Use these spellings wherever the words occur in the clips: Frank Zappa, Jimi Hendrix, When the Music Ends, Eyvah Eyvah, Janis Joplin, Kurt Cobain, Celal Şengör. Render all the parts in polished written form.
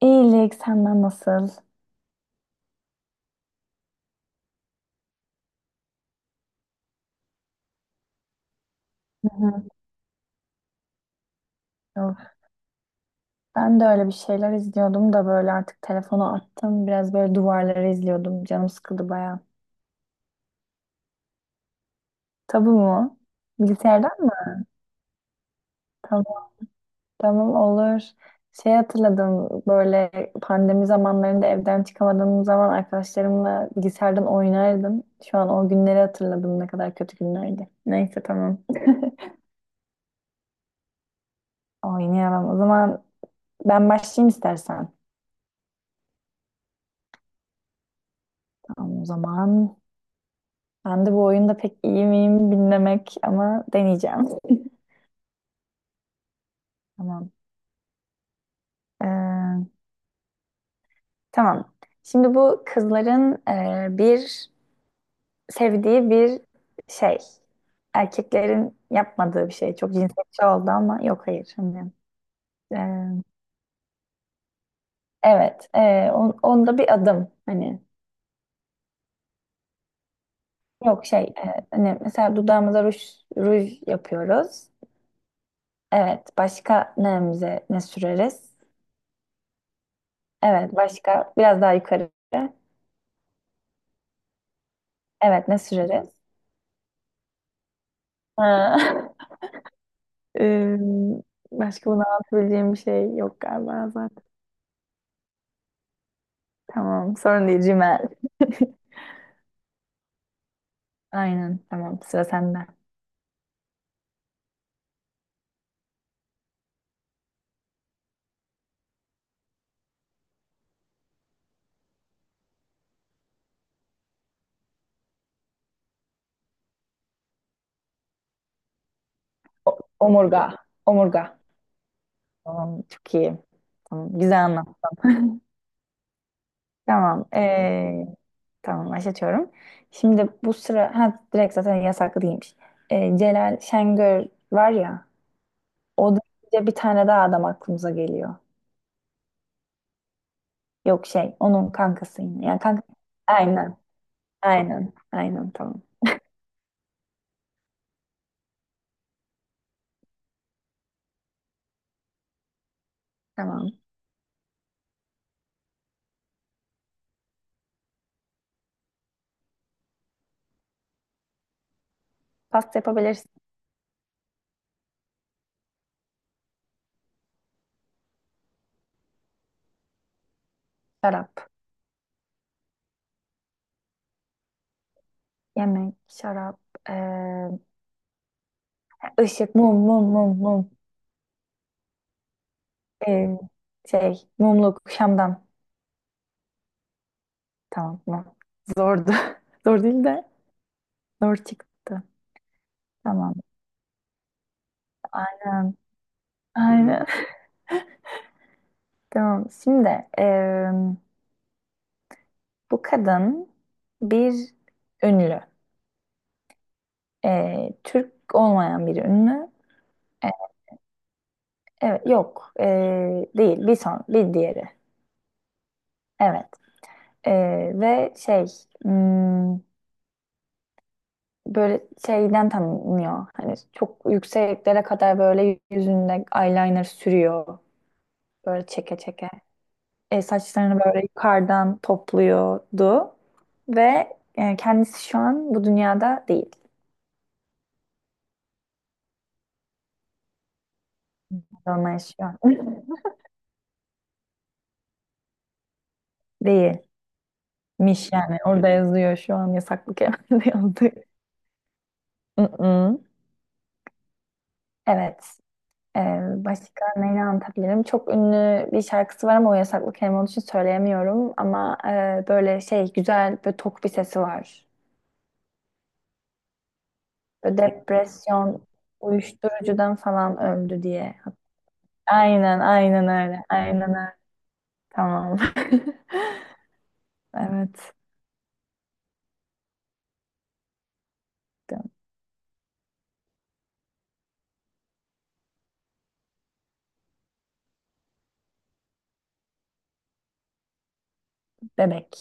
İyilik senden nasıl? Hı hı. Yok. Ben de öyle bir şeyler izliyordum da böyle artık telefonu attım. Biraz böyle duvarları izliyordum. Canım sıkıldı baya. Tabu mu? Bilgisayardan mı? Tamam, tamam olur. Şey hatırladım böyle pandemi zamanlarında evden çıkamadığım zaman arkadaşlarımla bilgisayardan oynardım. Şu an o günleri hatırladım, ne kadar kötü günlerdi. Neyse tamam. Oynayalım. O zaman ben başlayayım istersen. Tamam o zaman. Ben de bu oyunda pek iyi miyim bilmemek ama deneyeceğim. Tamam. Ee, tamam. Şimdi bu kızların bir sevdiği bir şey. Erkeklerin yapmadığı bir şey. Çok cinsiyetçi oldu ama yok hayır. Hani, e, evet. Onda bir adım. Hani yok şey. Hani mesela dudağımıza ruj yapıyoruz. Evet. Başka neyimize ne süreriz? Evet. Başka biraz daha yukarı. Evet. Ne süreriz? Ha. Ee, Başka bunu anlatabileceğim bir şey yok galiba zaten. Tamam, sorun değil Cimel. Aynen, tamam, sıra sende. Omurga, omurga. Tamam, çok iyi. Tamam, güzel anlat. Tamam, tamam başlatıyorum. Şimdi bu sıra, ha direkt zaten yasaklı değilmiş. Celal Şengör var ya, o da bir tane daha adam aklımıza geliyor. Yok şey, onun kankası yine. Yani kanka, aynen, aynen tamam. Tamam. Pasta yapabilirsin. Şarap, yemek, eee, ışık, mum, mum. Eee, şey, mumluk, şamdan. Tamam, mum. Zordu. Zor değil de zor çıktı. Tamam. Aynen. Aynen. Tamam. Şimdi bu kadın bir ünlü. Türk olmayan bir ünlü. E, evet, yok. Değil. Bir son, bir diğeri. Evet. Ve şey, hmm, böyle şeyden tanınıyor. Hani çok yükseklere kadar böyle yüzünde eyeliner sürüyor. Böyle çeke çeke. Saçlarını böyle yukarıdan topluyordu. Ve kendisi şu an bu dünyada değil. Onunla yaşıyor. Değilmiş yani. Orada yazıyor şu an yasaklı kelimede yazdı. Mm-mm. Evet. Ee, başka neyle anlatabilirim? Çok ünlü bir şarkısı var ama o yasaklı kelime olduğu için söyleyemiyorum. Ama böyle şey güzel böyle tok bir sesi var. Böyle depresyon, uyuşturucudan falan öldü diye. Aynen, öyle. Aynen öyle. Tamam. Evet. Bebek.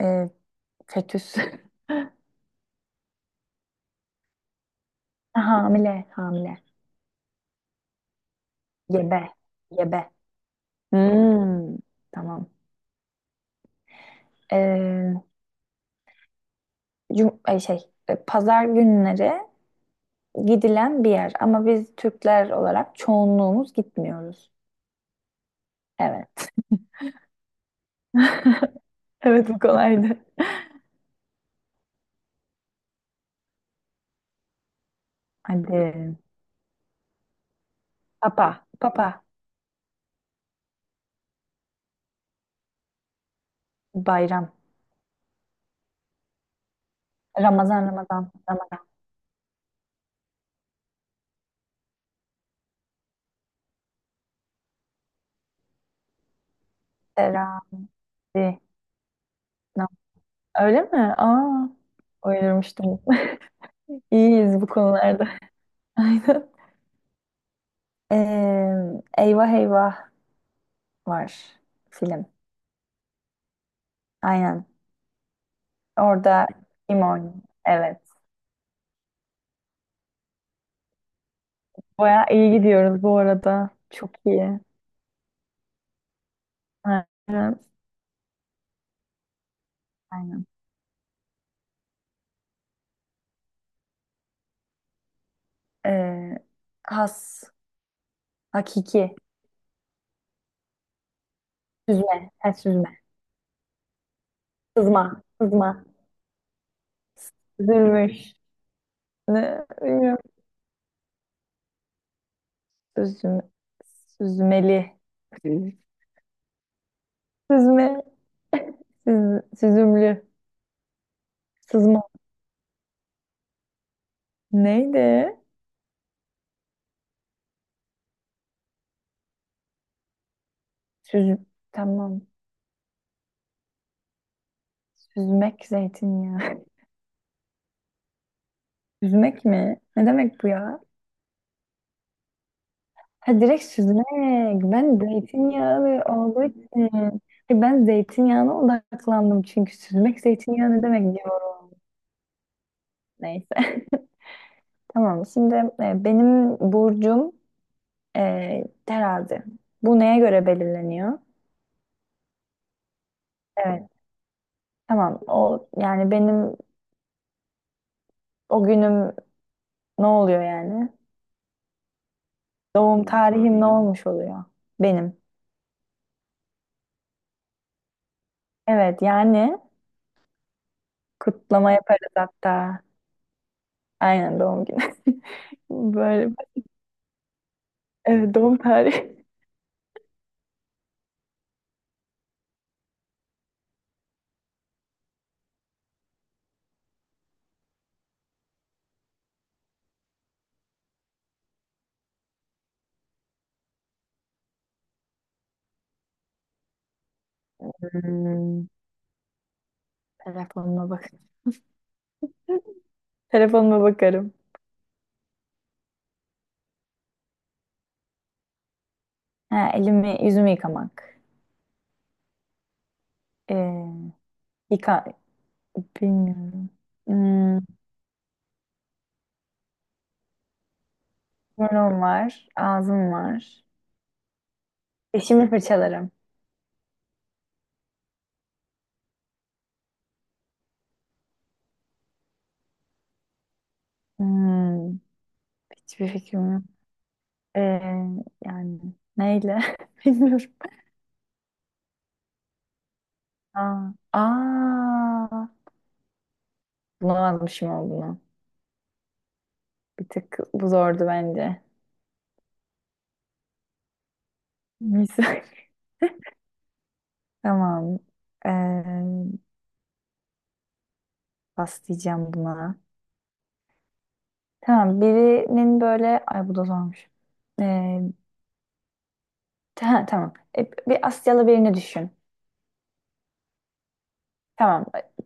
Ee, fetüs. Hamile. Hamile. Gebe. Gebe. Hmm. Tamam. Ee, ay şey, pazar günleri gidilen bir yer ama biz Türkler olarak çoğunluğumuz gitmiyoruz. Evet. Evet, bu kolaydı. Hadi. Papa, bayram. Ramazan, Ramazan. Teravih. nam- Öyle mi? Aa, oynamıştım. İyiyiz bu konularda. Aynen. Eyvah Eyvah var film. Aynen. Orada kim oynuyor? Evet. Bayağı iyi gidiyoruz bu arada. Çok iyi. Aynen. Aynen. Ee, has, hakiki, süzme, ha, sızma, süzülmüş, ne, bilmiyorum, süzüm, süzmeli, Hı. Süzme, süz, süzümlü, sızma, neydi? Süz, tamam, süzmek zeytinyağı, süzmek mi? Ne demek bu ya? Ha direkt süzmek, ben zeytinyağlı olduğu için, Ay, ben zeytinyağına odaklandım çünkü süzmek zeytinyağı ne demek diyorum, neyse. Tamam. Şimdi benim burcum terazi. Bu neye göre belirleniyor? Evet. Tamam. O yani benim o günüm ne oluyor yani? Doğum tarihim ne olmuş oluyor? Benim. Evet yani kutlama yaparız hatta. Aynen doğum günü. Böyle evet, doğum tarihi. Hmm, telefonuma bak. Telefonuma bakarım. Ha, elimi yüzümü yıkamak. Ee, yıka bilmiyorum. Hmm, burnum var, ağzım var. Dişimi fırçalarım. Hmm, hiçbir fikrim yok. Ee, yani neyle? Bilmiyorum. Aa, bulamadım şimdi olduğunu. Bir tık bu zordu bence. Misal. Tamam. Ee, pas diyeceğim buna. Tamam birinin böyle... Ay bu da zormuş. Ee, tamam. E, bir Asyalı birini düşün. Tamam.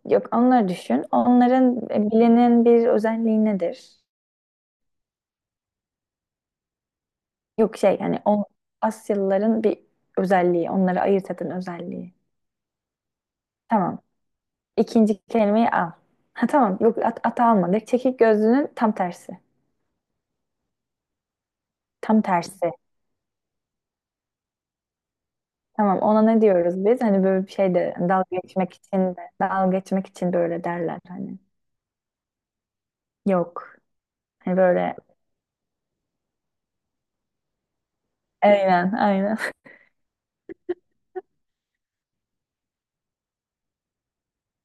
Yok onları düşün. Onların bilinen bir özelliği nedir? Yok şey yani o Asyalıların bir özelliği. Onları ayırt eden özelliği. Tamam. İkinci kelimeyi al. Ha tamam. Yok at, almadık. Çekik gözlünün tam tersi. Tam tersi. Tamam ona ne diyoruz biz? Hani böyle bir şey de hani dalga geçmek için de dalga geçmek için böyle derler hani. Yok. Hani böyle aynen, aynen.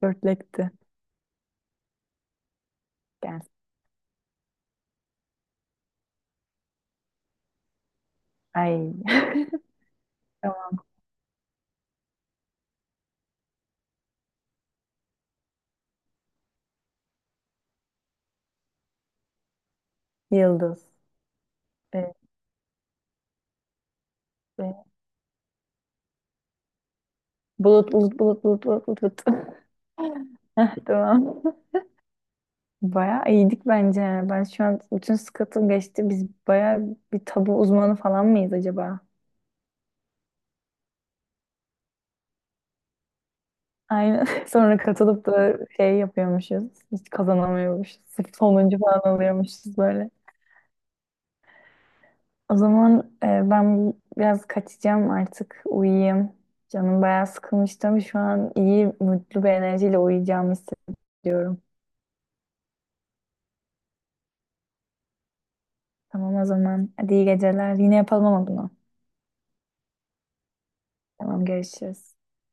Dörtlekti. Gelsin. Ay. Tamam. Yıldız. Evet. Bulut, bulut. Bulut. Heh, tamam. Bayağı iyiydik bence. Yani. Ben şu an bütün sıkıntım geçti. Biz bayağı bir tabu uzmanı falan mıyız acaba? Aynen. Sonra katılıp da şey yapıyormuşuz. Hiç kazanamıyormuşuz. Sırf sonuncu falan alıyormuşuz böyle. O zaman ben biraz kaçacağım artık. Uyuyayım. Canım bayağı sıkılmıştı ama şu an iyi, mutlu bir enerjiyle uyuyacağımı hissediyorum. Tamam o zaman. Hadi iyi geceler. Yine yapalım ama bunu. Tamam görüşürüz.